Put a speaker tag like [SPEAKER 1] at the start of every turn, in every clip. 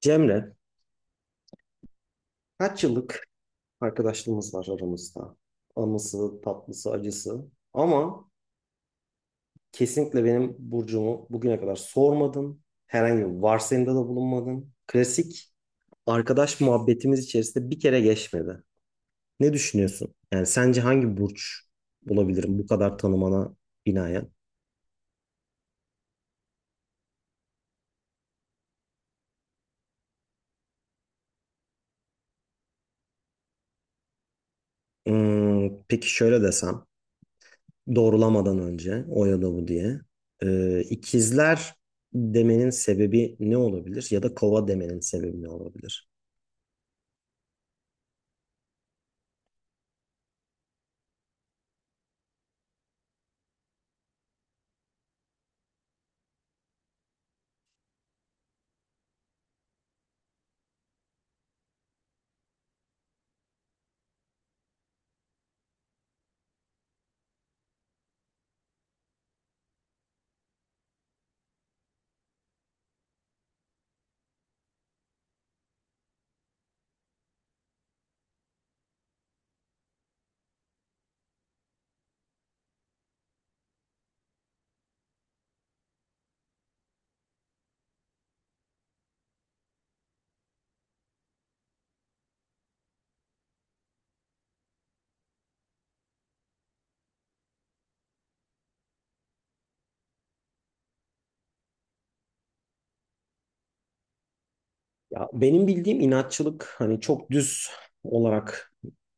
[SPEAKER 1] Cemre, kaç yıllık arkadaşlığımız var aramızda. Anısı, tatlısı, acısı. Ama kesinlikle benim burcumu bugüne kadar sormadın. Herhangi bir varsayımda da bulunmadın. Klasik arkadaş muhabbetimiz içerisinde bir kere geçmedi. Ne düşünüyorsun? Yani sence hangi burç olabilirim bu kadar tanımana binaen? Hmm, peki şöyle desem, doğrulamadan önce o ya da bu diye. İkizler demenin sebebi ne olabilir? Ya da kova demenin sebebi ne olabilir? Ya benim bildiğim inatçılık hani çok düz olarak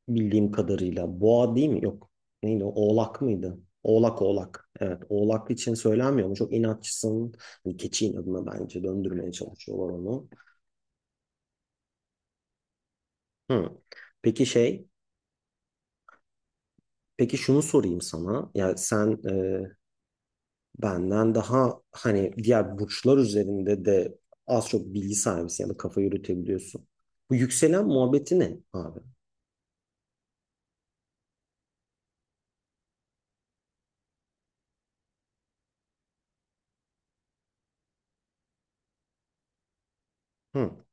[SPEAKER 1] bildiğim kadarıyla boğa değil mi? Yok. Neydi o? Oğlak mıydı? Oğlak oğlak. Evet oğlak için söylenmiyor mu? Çok inatçısın. Hani keçi inadına bence döndürmeye çalışıyorlar onu. Hı. Peki şey peki şunu sorayım sana. Ya sen benden daha hani diğer burçlar üzerinde de az çok bilgi sahibisin ya da kafa yürütebiliyorsun. Bu yükselen muhabbeti ne abi? Hı.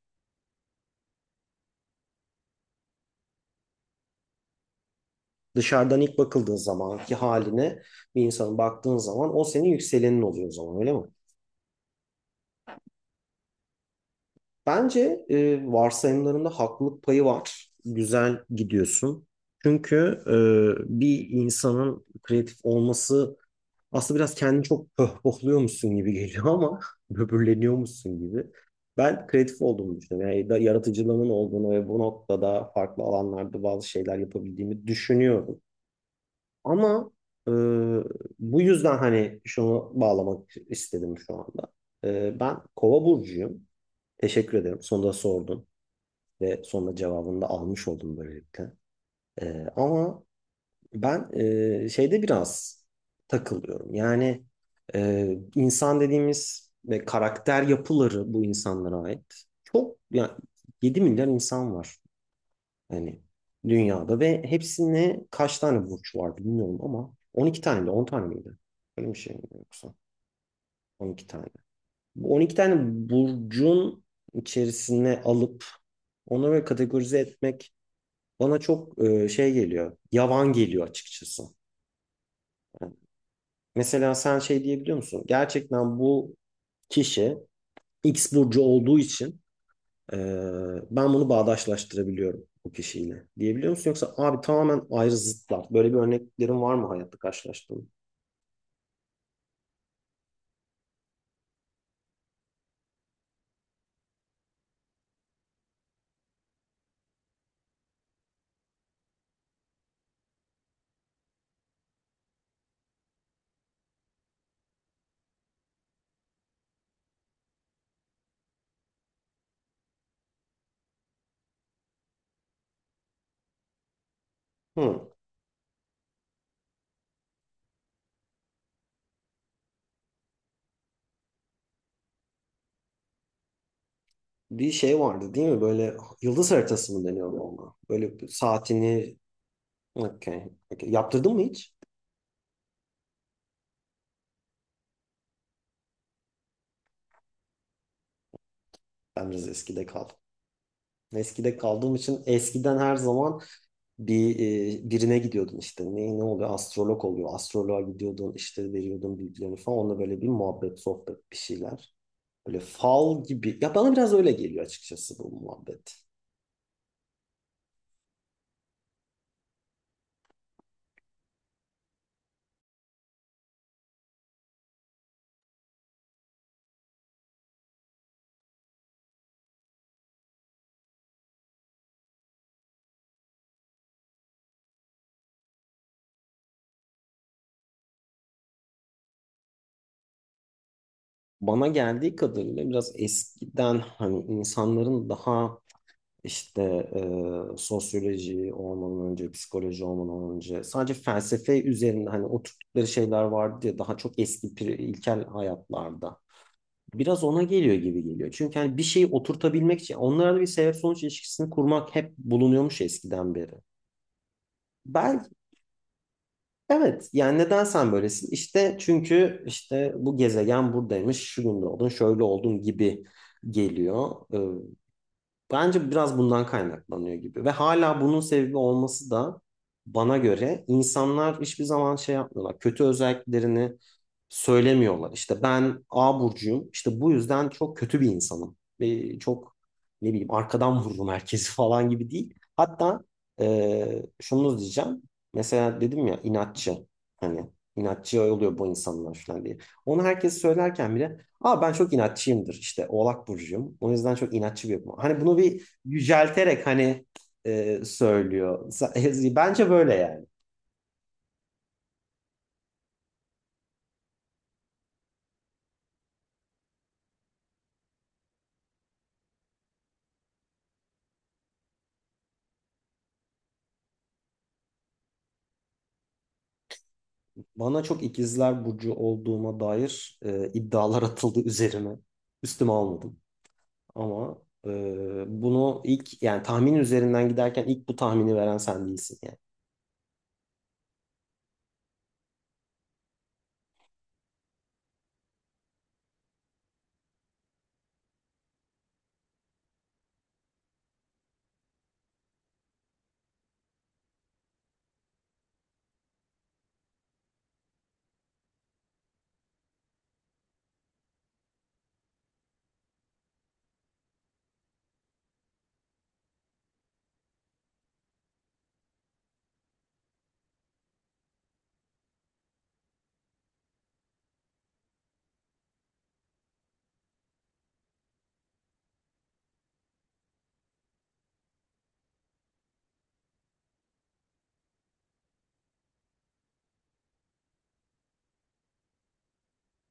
[SPEAKER 1] Dışarıdan ilk bakıldığı zamanki haline bir insanın baktığın zaman o senin yükselenin oluyor o zaman öyle mi? Bence varsayımlarında haklılık payı var. Güzel gidiyorsun. Çünkü e, bir insanın kreatif olması aslında biraz kendini çok pohpohluyormuşsun gibi geliyor ama böbürleniyormuşsun gibi. Ben kreatif olduğumu düşünüyorum. Yani yaratıcılığımın olduğunu ve bu noktada farklı alanlarda bazı şeyler yapabildiğimi düşünüyorum. Ama e, bu yüzden hani şunu bağlamak istedim şu anda. Ben Kova burcuyum. Teşekkür ederim. Sonunda sordun ve sonunda cevabını da almış oldum böylelikle. Ama ben şeyde biraz takılıyorum. Yani insan dediğimiz ve karakter yapıları bu insanlara ait. Çok yani 7 milyar insan var. Hani dünyada ve hepsine kaç tane burç var bilmiyorum ama 12 tane de 10 tane miydi? Öyle bir şey mi yoksa? On iki tane. Bu 12 tane burcun içerisine alıp onu böyle kategorize etmek bana çok geliyor. Yavan geliyor açıkçası. Yani mesela sen şey diyebiliyor musun? Gerçekten bu kişi X burcu olduğu için Ee, ben bunu bağdaşlaştırabiliyorum bu kişiyle diyebiliyor musun? Yoksa abi tamamen ayrı zıtlar. Böyle bir örneklerin var mı hayatta karşılaştığın? Hı. Bir şey vardı değil mi? Böyle yıldız haritası mı deniyor ona? Böyle saatini. Okay. Okay. Yaptırdın mı hiç? Ben biraz eskide kaldım. Eskide kaldığım için eskiden her zaman bir birine gidiyordun işte. Ne oluyor? Astrolog oluyor. Astroloğa gidiyordun işte veriyordun bilgilerini falan. Onunla böyle bir muhabbet, sohbet bir şeyler. Böyle fal gibi. Ya bana biraz öyle geliyor açıkçası bu muhabbet. Bana geldiği kadarıyla biraz eskiden hani insanların daha işte sosyoloji olmadan önce, psikoloji olmadan önce sadece felsefe üzerinde hani oturttukları şeyler vardı ya daha çok eski ilkel hayatlarda. Biraz ona geliyor gibi geliyor. Çünkü hani bir şeyi oturtabilmek için onlarda bir sebep sonuç ilişkisini kurmak hep bulunuyormuş eskiden beri. Ben Evet yani neden sen böylesin? İşte çünkü işte bu gezegen buradaymış, şu gün doğdun, şöyle oldun gibi geliyor. Bence biraz bundan kaynaklanıyor gibi ve hala bunun sebebi olması da bana göre insanlar hiçbir zaman şey yapmıyorlar. Kötü özelliklerini söylemiyorlar. İşte ben A burcuyum. İşte bu yüzden çok kötü bir insanım. Ve çok ne bileyim arkadan vururum herkesi falan gibi değil. Hatta şunu diyeceğim. Mesela dedim ya inatçı. Hani inatçı oluyor bu insanlar falan diye. Onu herkes söylerken bile ama ben çok inatçıyımdır işte Oğlak burcuyum. O yüzden çok inatçı bir yapım. Hani bunu bir yücelterek hani söylüyor. Bence böyle yani. Bana çok ikizler burcu olduğuma dair iddialar atıldı üzerime. Üstüme almadım. Ama bunu ilk yani tahmin üzerinden giderken ilk bu tahmini veren sen değilsin yani.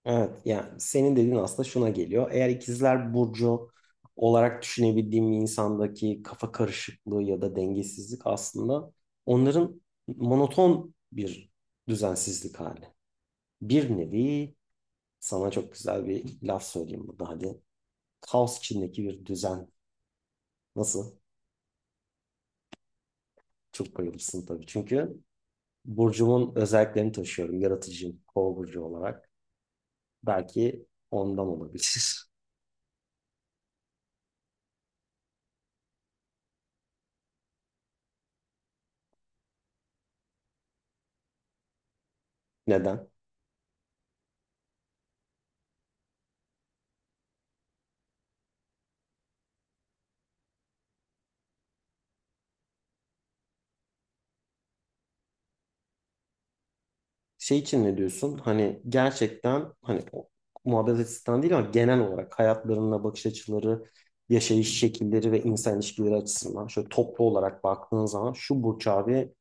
[SPEAKER 1] Evet yani senin dediğin aslında şuna geliyor. Eğer ikizler burcu olarak düşünebildiğim bir insandaki kafa karışıklığı ya da dengesizlik aslında onların monoton bir düzensizlik hali. Bir nevi sana çok güzel bir laf söyleyeyim burada hadi. Kaos içindeki bir düzen. Nasıl? Çok bayılırsın tabii. Çünkü burcumun özelliklerini taşıyorum. Yaratıcıyım. Kova burcu olarak. Belki ondan olabilir. Neden? Şey için ne diyorsun? Hani gerçekten hani o muhabbet açısından değil ama genel olarak hayatlarına bakış açıları, yaşayış şekilleri ve insan ilişkileri açısından şöyle toplu olarak baktığın zaman şu Burç abi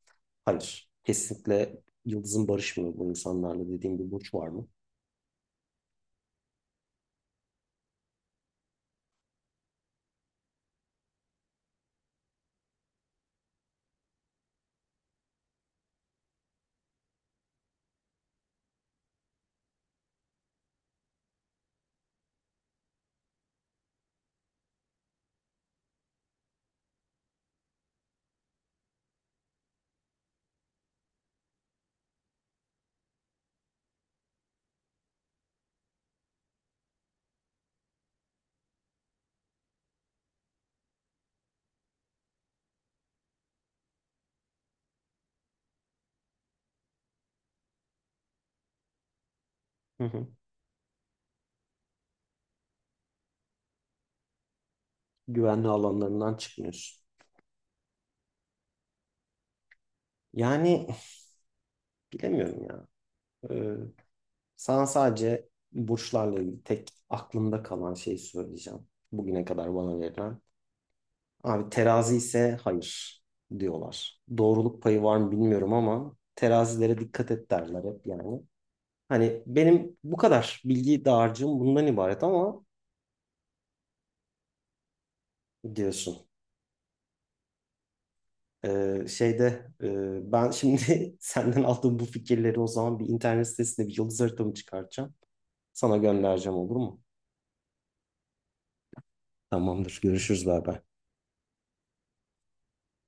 [SPEAKER 1] hayır. Kesinlikle yıldızın barışmıyor bu insanlarla dediğim bir Burç var mı? Hı hı. Güvenli alanlarından çıkmıyorsun. Yani bilemiyorum ya. Ee, Sana sadece burçlarla ilgili tek aklımda kalan şeyi söyleyeceğim. Bugüne kadar bana verilen. Abi terazi ise hayır diyorlar. Doğruluk payı var mı bilmiyorum ama terazilere dikkat et derler hep yani. Hani benim bu kadar bilgi dağarcığım bundan ibaret ama diyorsun. Ben şimdi senden aldığım bu fikirleri o zaman bir internet sitesinde bir yıldız haritamı çıkartacağım. Sana göndereceğim olur mu? Tamamdır. Görüşürüz beraber.